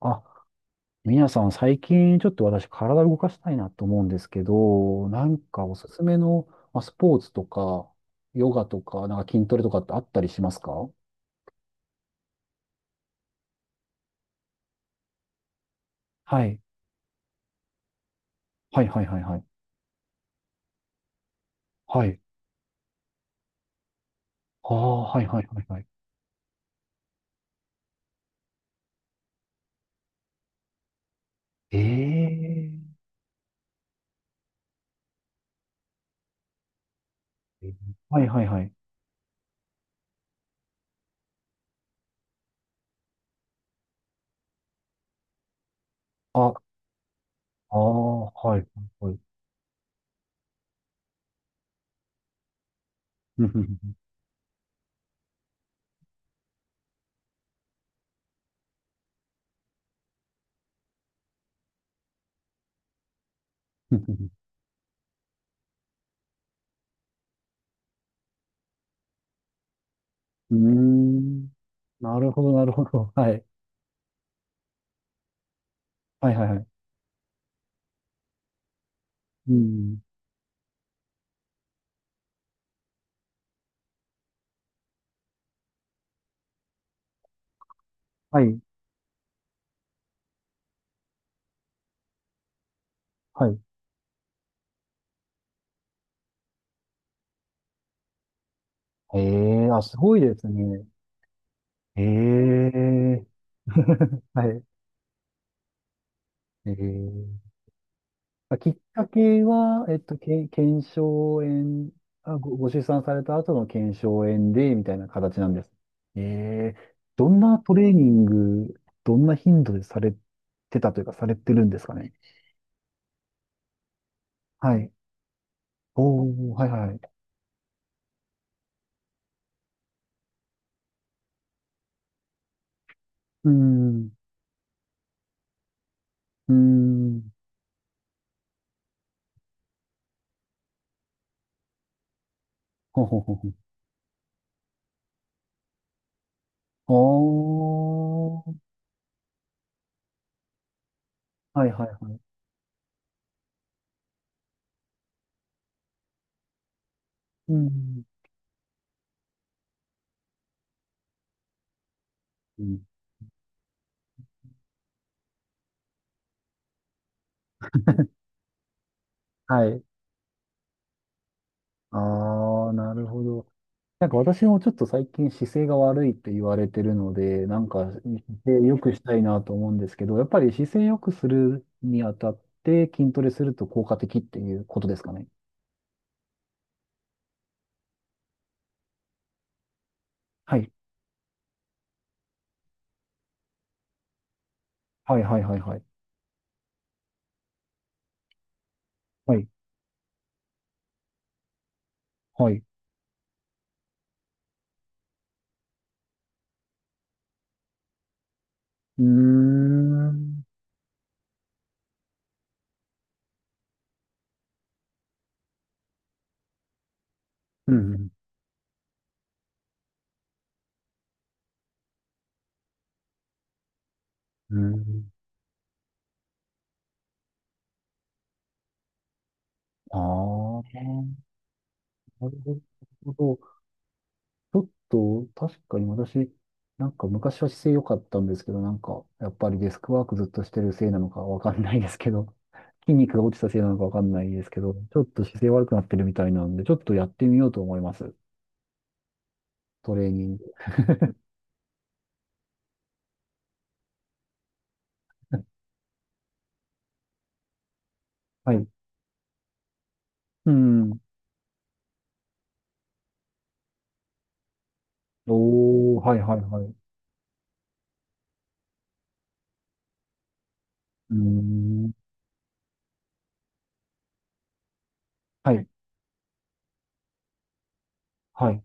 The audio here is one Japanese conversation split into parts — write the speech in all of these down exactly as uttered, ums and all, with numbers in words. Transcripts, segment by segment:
あ、皆さん、最近ちょっと私、体を動かしたいなと思うんですけど、なんかおすすめの、まあ、スポーツとか、ヨガとか、なんか筋トレとかってあったりしますか？はい。はいはいはいはい。はい。ああ、はいはいはいはい。ええー。はいはいはい。あ、ああ、はいはいふい。ふんふん、うん、んーん。なるほどなるほど。はい。はいはいはい。うん。はい。はい。ええーあ、すごいですね。ええ はい。ええ、まあきっかけは、えっと、け腱鞘炎、あ、ご、ご出産された後の腱鞘炎で、みたいな形なんです。ええ、どんなトレーニング、どんな頻度でされてたというか、されてるんですかね。はい。おー、はいはい。うーん、うーん、ほほほほ。おー、はいはいはい。うん、うん、はい。あー、なるほど。なんか私もちょっと最近姿勢が悪いって言われてるので、なんか姿勢良くしたいなと思うんですけど、やっぱり姿勢良くするにあたって筋トレすると効果的っていうことですかね。はい。はいはいはいはい。はい。はい。うーん。うん。うん。ああ。なるほど。ちょっと、確かに私、なんか昔は姿勢良かったんですけど、なんか、やっぱりデスクワークずっとしてるせいなのかわかんないですけど、筋肉が落ちたせいなのかわかんないですけど、ちょっと姿勢悪くなってるみたいなんで、ちょっとやってみようと思います。トレーニング。はい。うん。おー、はいはいはい。うーん。はい、はい。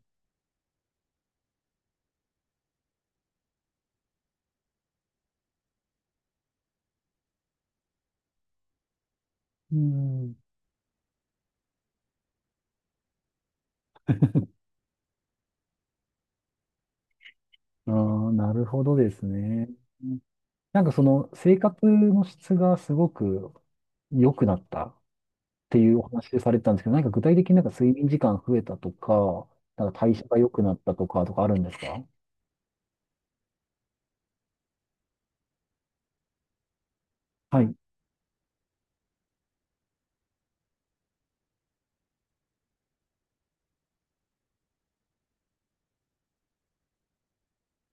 うーん。あー、なるほどですね。なんかその生活の質がすごく良くなったっていうお話でされてたんですけど、何か具体的になんか睡眠時間増えたとか、なんか代謝が良くなったとかとかあるんですか？はい。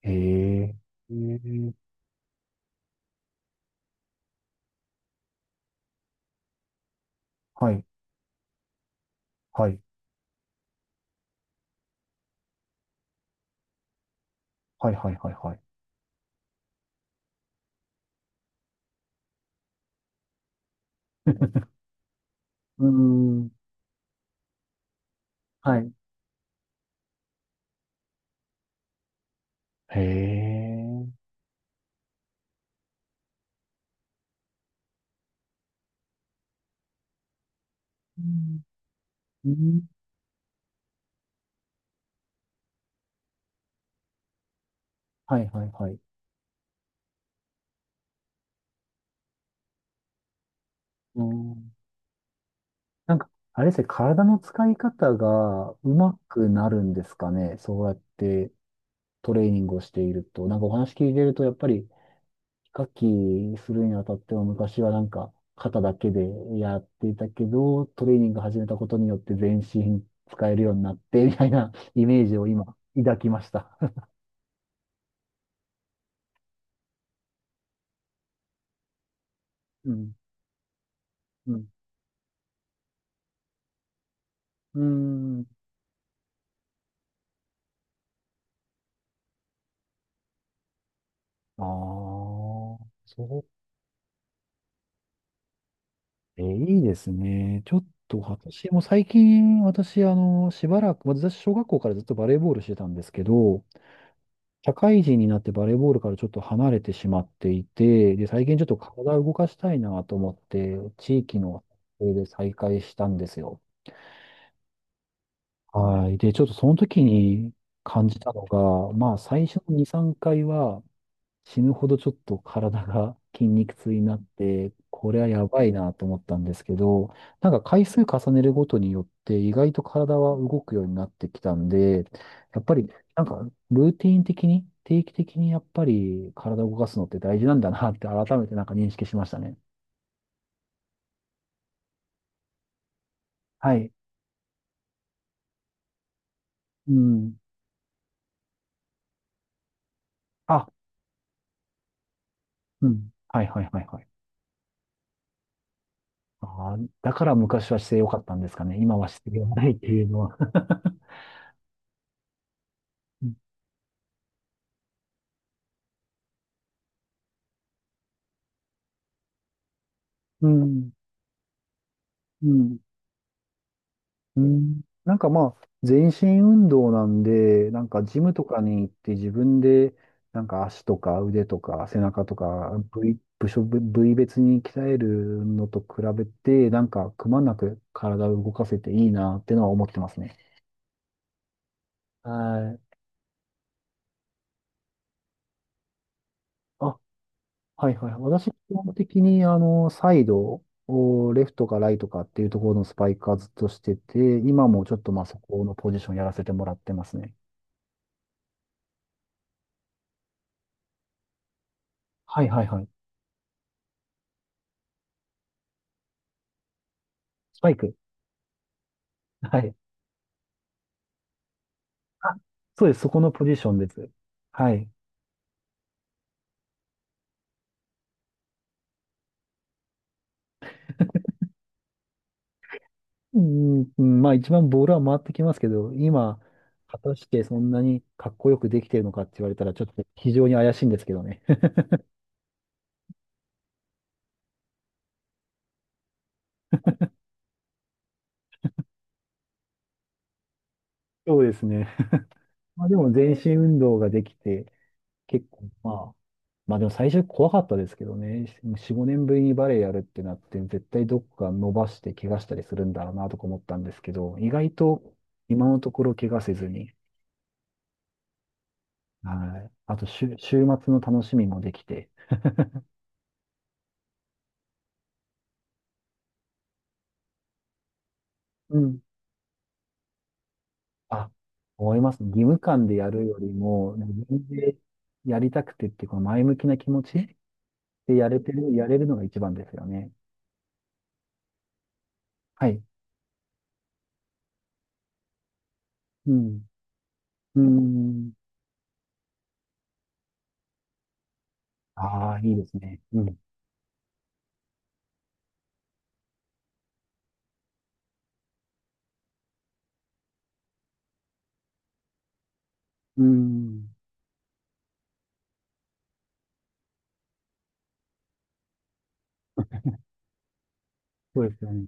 へえ。へえ、はい。はい。はいはいはいはい。うーん。はい。へえ。うんうん、はいはいはい。うん、なんか、あれですね、体の使い方がうまくなるんですかね。そうやってトレーニングをしていると。なんかお話聞いてると、やっぱり、ヒカキンするにあたっては昔はなんか肩だけでやっていたけど、トレーニング始めたことによって全身使えるようになって、みたいなイメージを今抱きました。うん。うん。うーん、ああ、そう。え、いいですね。ちょっと私も最近、私、あの、しばらく、私、小学校からずっとバレーボールしてたんですけど、社会人になってバレーボールからちょっと離れてしまっていて、で、最近ちょっと体を動かしたいなと思って、地域の撮影で再開したんですよ。はい。で、ちょっとその時に感じたのが、まあ、最初のに、さんかいは、死ぬほどちょっと体が筋肉痛になって、これはやばいなと思ったんですけど、なんか回数重ねるごとによって意外と体は動くようになってきたんで、やっぱりなんかルーティン的に、定期的にやっぱり体を動かすのって大事なんだなって改めてなんか認識しましたね。はい。うん。あ、うん。はいはいはいはい。ああ、だから昔は姿勢良かったんですかね。今は姿勢がないっていうのは。うん。うん。うんうん、なんかまあ、全身運動なんで、なんかジムとかに行って自分で、なんか足とか腕とか背中とか部位、部署、部部位別に鍛えるのと比べて、なんかくまなく体を動かせていいなってのは思ってますね。はい。あ、はいはい。私、基本的にあの、サイドをレフトかライトかっていうところのスパイカーずっとしてて、今もちょっとまあそこのポジションやらせてもらってますね。はいはいはい。スパイク。はい。あ、そうです。そこのポジションです。はい。うん、まあ一番ボールは回ってきますけど、今、果たしてそんなにかっこよくできてるのかって言われたら、ちょっと非常に怪しいんですけどね。そうですね。まあでも全身運動ができて、結構まあ、まあでも最初怖かったですけどね。よん、ごねんぶりにバレエやるってなって、絶対どっか伸ばして怪我したりするんだろうなとか思ったんですけど、意外と今のところ怪我せずに、はい。あと週、週末の楽しみもできて、うん、あ、思います。義務感でやるよりも、自分でやりたくてって、この前向きな気持ちでやれてる、やれるのが一番ですよね。はい。うん。うん。ああ、いいですね。うん。うん。そうですよね。